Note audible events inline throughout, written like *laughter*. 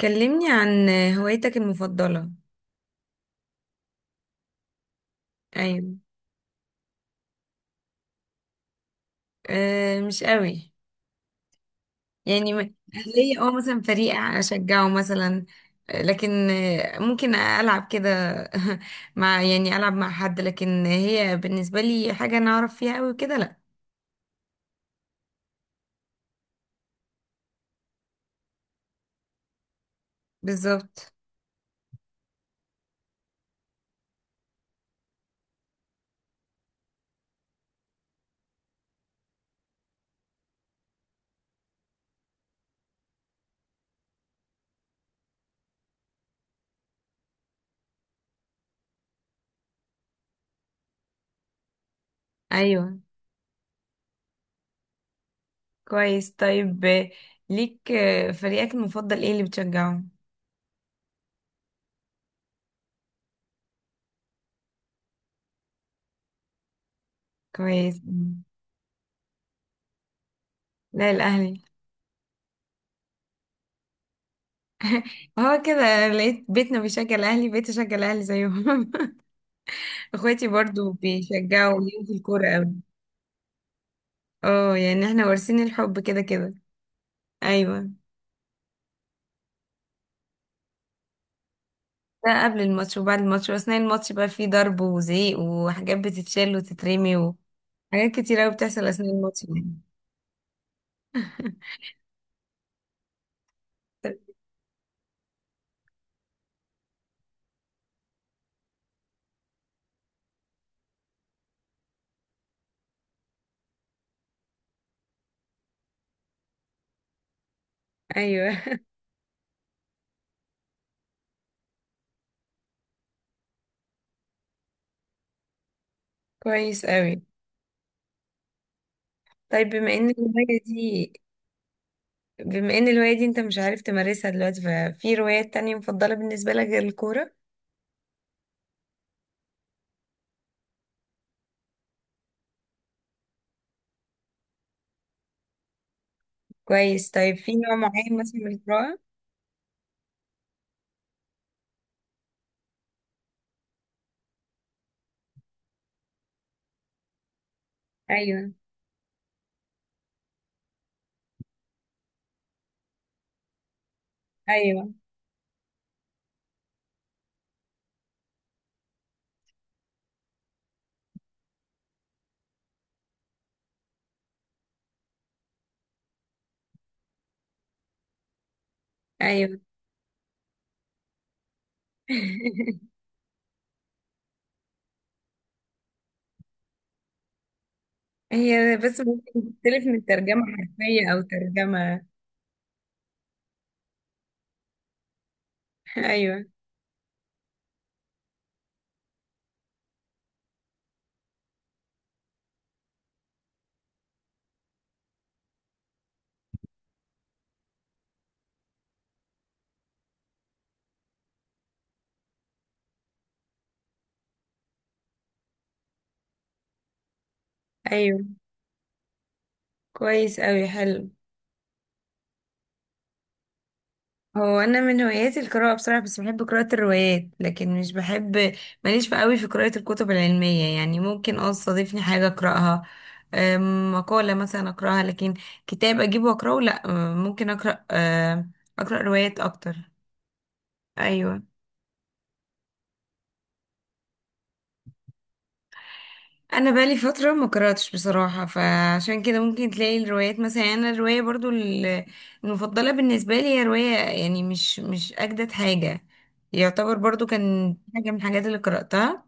كلمني عن هوايتك المفضلة. أيوة. أه، مش قوي. يعني م- ليا اه مثلا فريق أشجعه مثلا. آه، لكن آه، ممكن ألعب كده. *laughs* مع يعني ألعب مع حد، لكن هي بالنسبة لي حاجة أنا أعرف فيها أوي كده لأ. بالظبط. أيوة. كويس، طيب. ليك فريقك المفضل إيه اللي بتشجعه؟ كويس. مم. لا، الأهلي. *laughs* هو كده، لقيت بيتنا بيشجع الأهلي، بقيت أشجع الأهلي زيهم. *laughs* اخواتي برضو بيشجعوا ليهم في الكورة قوي. اه، يعني احنا وارثين الحب كده كده. ايوه. ده قبل الماتش وبعد الماتش واثناء الماتش، بقى فيه ضرب وزعيق وحاجات بتتشال وتترمي وحاجات كتير قوي بتحصل اثناء الماتش يعني. *laughs* ايوه، كويس قوي. طيب، بما ان الهواية دي، بما ان الهواية دي انت مش عارف تمارسها دلوقتي، ففي روايات تانية مفضلة بالنسبة لك غير الكورة؟ كويس. طيب، في نوع معين مثلا من القراءة؟ ايوه. ايوه. ايوه. *laughs* هي بس ممكن تختلف من ترجمة حرفية أو ترجمة. *laughs* أيوة. أيوة. كويس أوي، حلو. هو أنا من هواياتي القراءة بصراحة، بس بحب قراءة الروايات لكن مش بحب، ماليش في أوي في قراءة الكتب العلمية. يعني ممكن اه تستضيفني حاجة أقرأها، مقالة مثلا أقرأها، لكن كتاب أجيبه وأقرأه لأ. ممكن أقرأ روايات أكتر. أيوة. انا بقالي فتره ما قراتش بصراحه، فعشان كده ممكن تلاقي الروايات مثلا. يعني انا الروايه برضو المفضله بالنسبه لي هي روايه، يعني مش اجدد حاجه، يعتبر برضو كان حاجه من الحاجات اللي قراتها.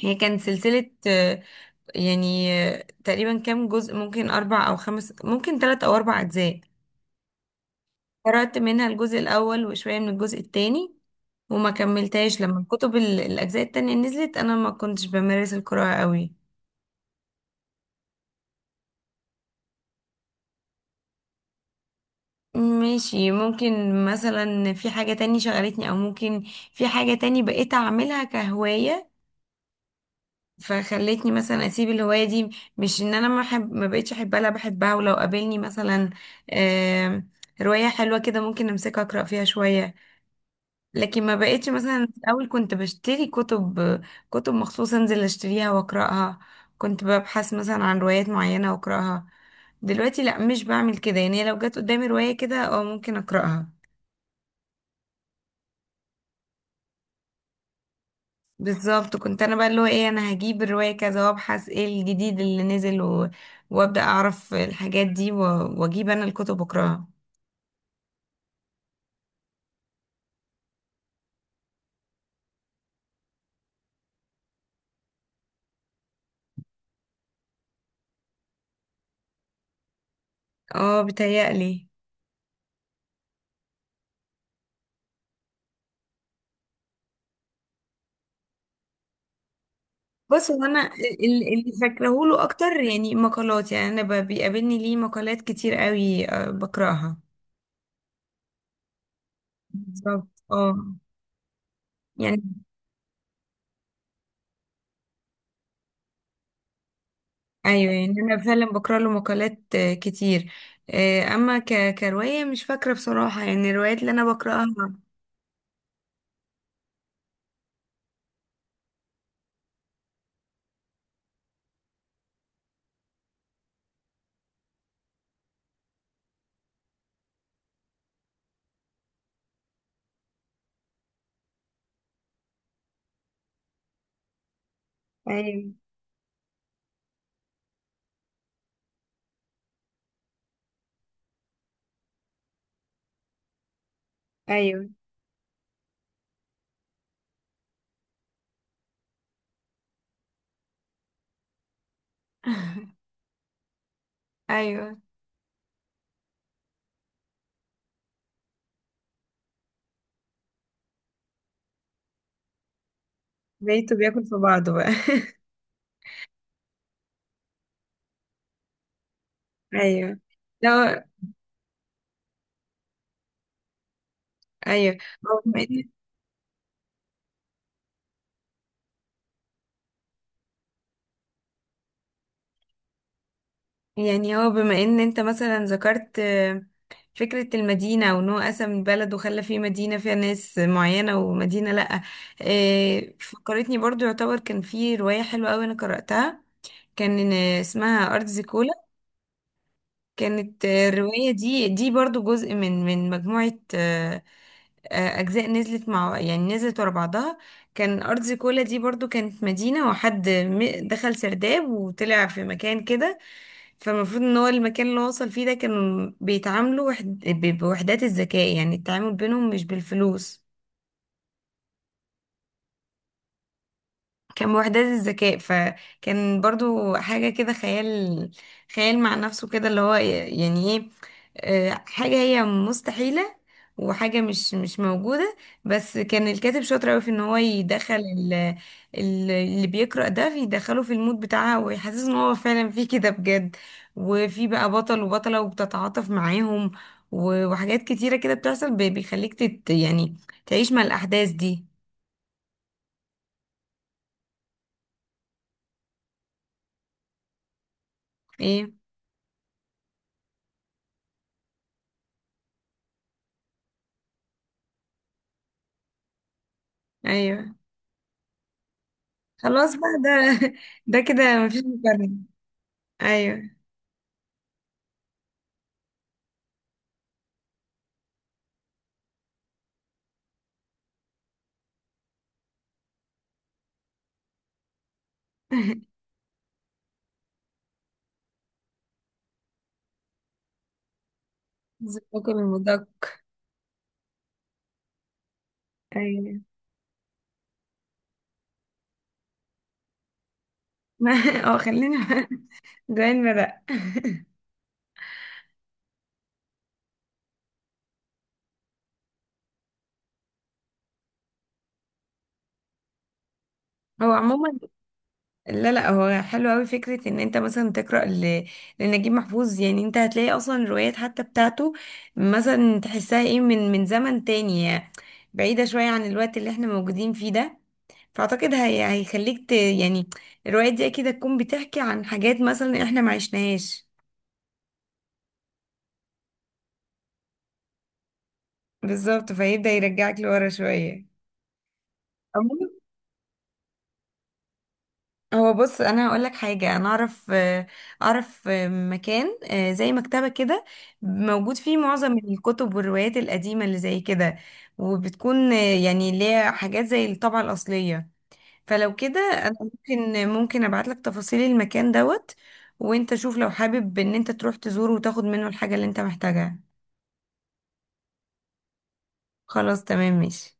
هي كانت سلسله، يعني تقريبا كام جزء، ممكن اربع او خمس، ممكن ثلاث او اربع اجزاء. قرات منها الجزء الاول وشويه من الجزء الثاني، وما كملتهاش. لما الكتب الاجزاء التانية نزلت انا ما كنتش بمارس القراءه قوي. ماشي. ممكن مثلا في حاجة تاني شغلتني، او ممكن في حاجة تاني بقيت اعملها كهواية فخلتني مثلا اسيب الهواية دي. مش ان انا ما بقيتش احبها، لا، بحبها، ولو قابلني مثلا آم، رواية حلوة كده ممكن امسكها اقرا فيها شوية. لكن ما بقيتش مثلا، في الاول كنت بشتري كتب، كتب مخصوص انزل اشتريها واقراها، كنت ببحث مثلا عن روايات معينة واقراها. دلوقتي لا، مش بعمل كده. يعني لو جت قدامي رواية كده اه ممكن اقراها. بالظبط. كنت انا بقى اللي هو ايه، انا هجيب الرواية كذا وابحث ايه الجديد اللي نزل، و... وابدأ اعرف الحاجات دي، و... واجيب انا الكتب اقراها. اه، بتهيألي. بص، هو انا اللي فاكراه له اكتر يعني مقالات. يعني انا بيقابلني ليه مقالات كتير قوي، بقراها. بالظبط، اه. يعني. ايوه، يعني انا فعلا بقرا له مقالات كتير. اما كرواية مش فاكرة بصراحة يعني الروايات اللي انا بقراها. ايوه. ايوه. *laughs* ايوه، بيته بياكل في بعضه بقى. *laughs* ايوه. لا. ايوه. هو بما ان يعني هو بما ان انت مثلا ذكرت فكرة المدينة، وان هو قسم البلد وخلى فيه مدينة فيها ناس معينة، ومدينة لأ. فكرتني برضو، يعتبر كان في رواية حلوة أوي انا قرأتها، كان اسمها أرض زيكولا. كانت الرواية دي برضو جزء من مجموعة أجزاء نزلت مع يعني نزلت ورا بعضها. كان أرض زيكولا دي برضو كانت مدينة، دخل سرداب وطلع في مكان كده. فالمفروض ان هو المكان اللي هو وصل فيه ده، كانوا بيتعاملوا بوحدات الذكاء، يعني التعامل بينهم مش بالفلوس، كان بوحدات الذكاء. فكان برضو حاجة كده خيال، خيال مع نفسه كده، اللي هو يعني ايه، حاجة هي مستحيلة، وحاجة مش موجودة. بس كان الكاتب شاطر أوي في ان هو يدخل اللي بيقرأ ده، يدخله في المود بتاعها ويحسسه ان هو فعلا في كده بجد. وفي بقى بطل وبطلة وبتتعاطف معاهم، وحاجات كتيرة كده بتحصل، بيخليك يعني تعيش مع الأحداث دي. ايه؟ ايوه. خلاص بقى ده، ده كده مفيش مكرر. ايوه. *laughs* لازم باكل المدق. ايوه. *laughs* اه خليني. *laughs* جوين مرق. هو عموما، لا لا، هو حلو قوي فكره ان انت مثلا تقرا لنجيب محفوظ. يعني انت هتلاقي اصلا الروايات حتى بتاعته مثلا تحسها ايه، من زمن تاني، يعني بعيده شويه عن الوقت اللي احنا موجودين فيه ده. فاعتقد هيخليك يعني، الروايات دي اكيد هتكون بتحكي عن حاجات مثلا احنا ما عشناهاش. بالظبط، فيبدأ يرجعك لورا شوية. عموما، هو بص انا هقول لك حاجه، انا اعرف اعرف مكان زي مكتبه كده موجود فيه معظم الكتب والروايات القديمه اللي زي كده، وبتكون يعني ليها حاجات زي الطبعه الاصليه. فلو كده، انا ممكن ابعت لك تفاصيل المكان دوت، وانت شوف لو حابب ان انت تروح تزوره وتاخد منه الحاجه اللي انت محتاجها. خلاص، تمام، ماشي.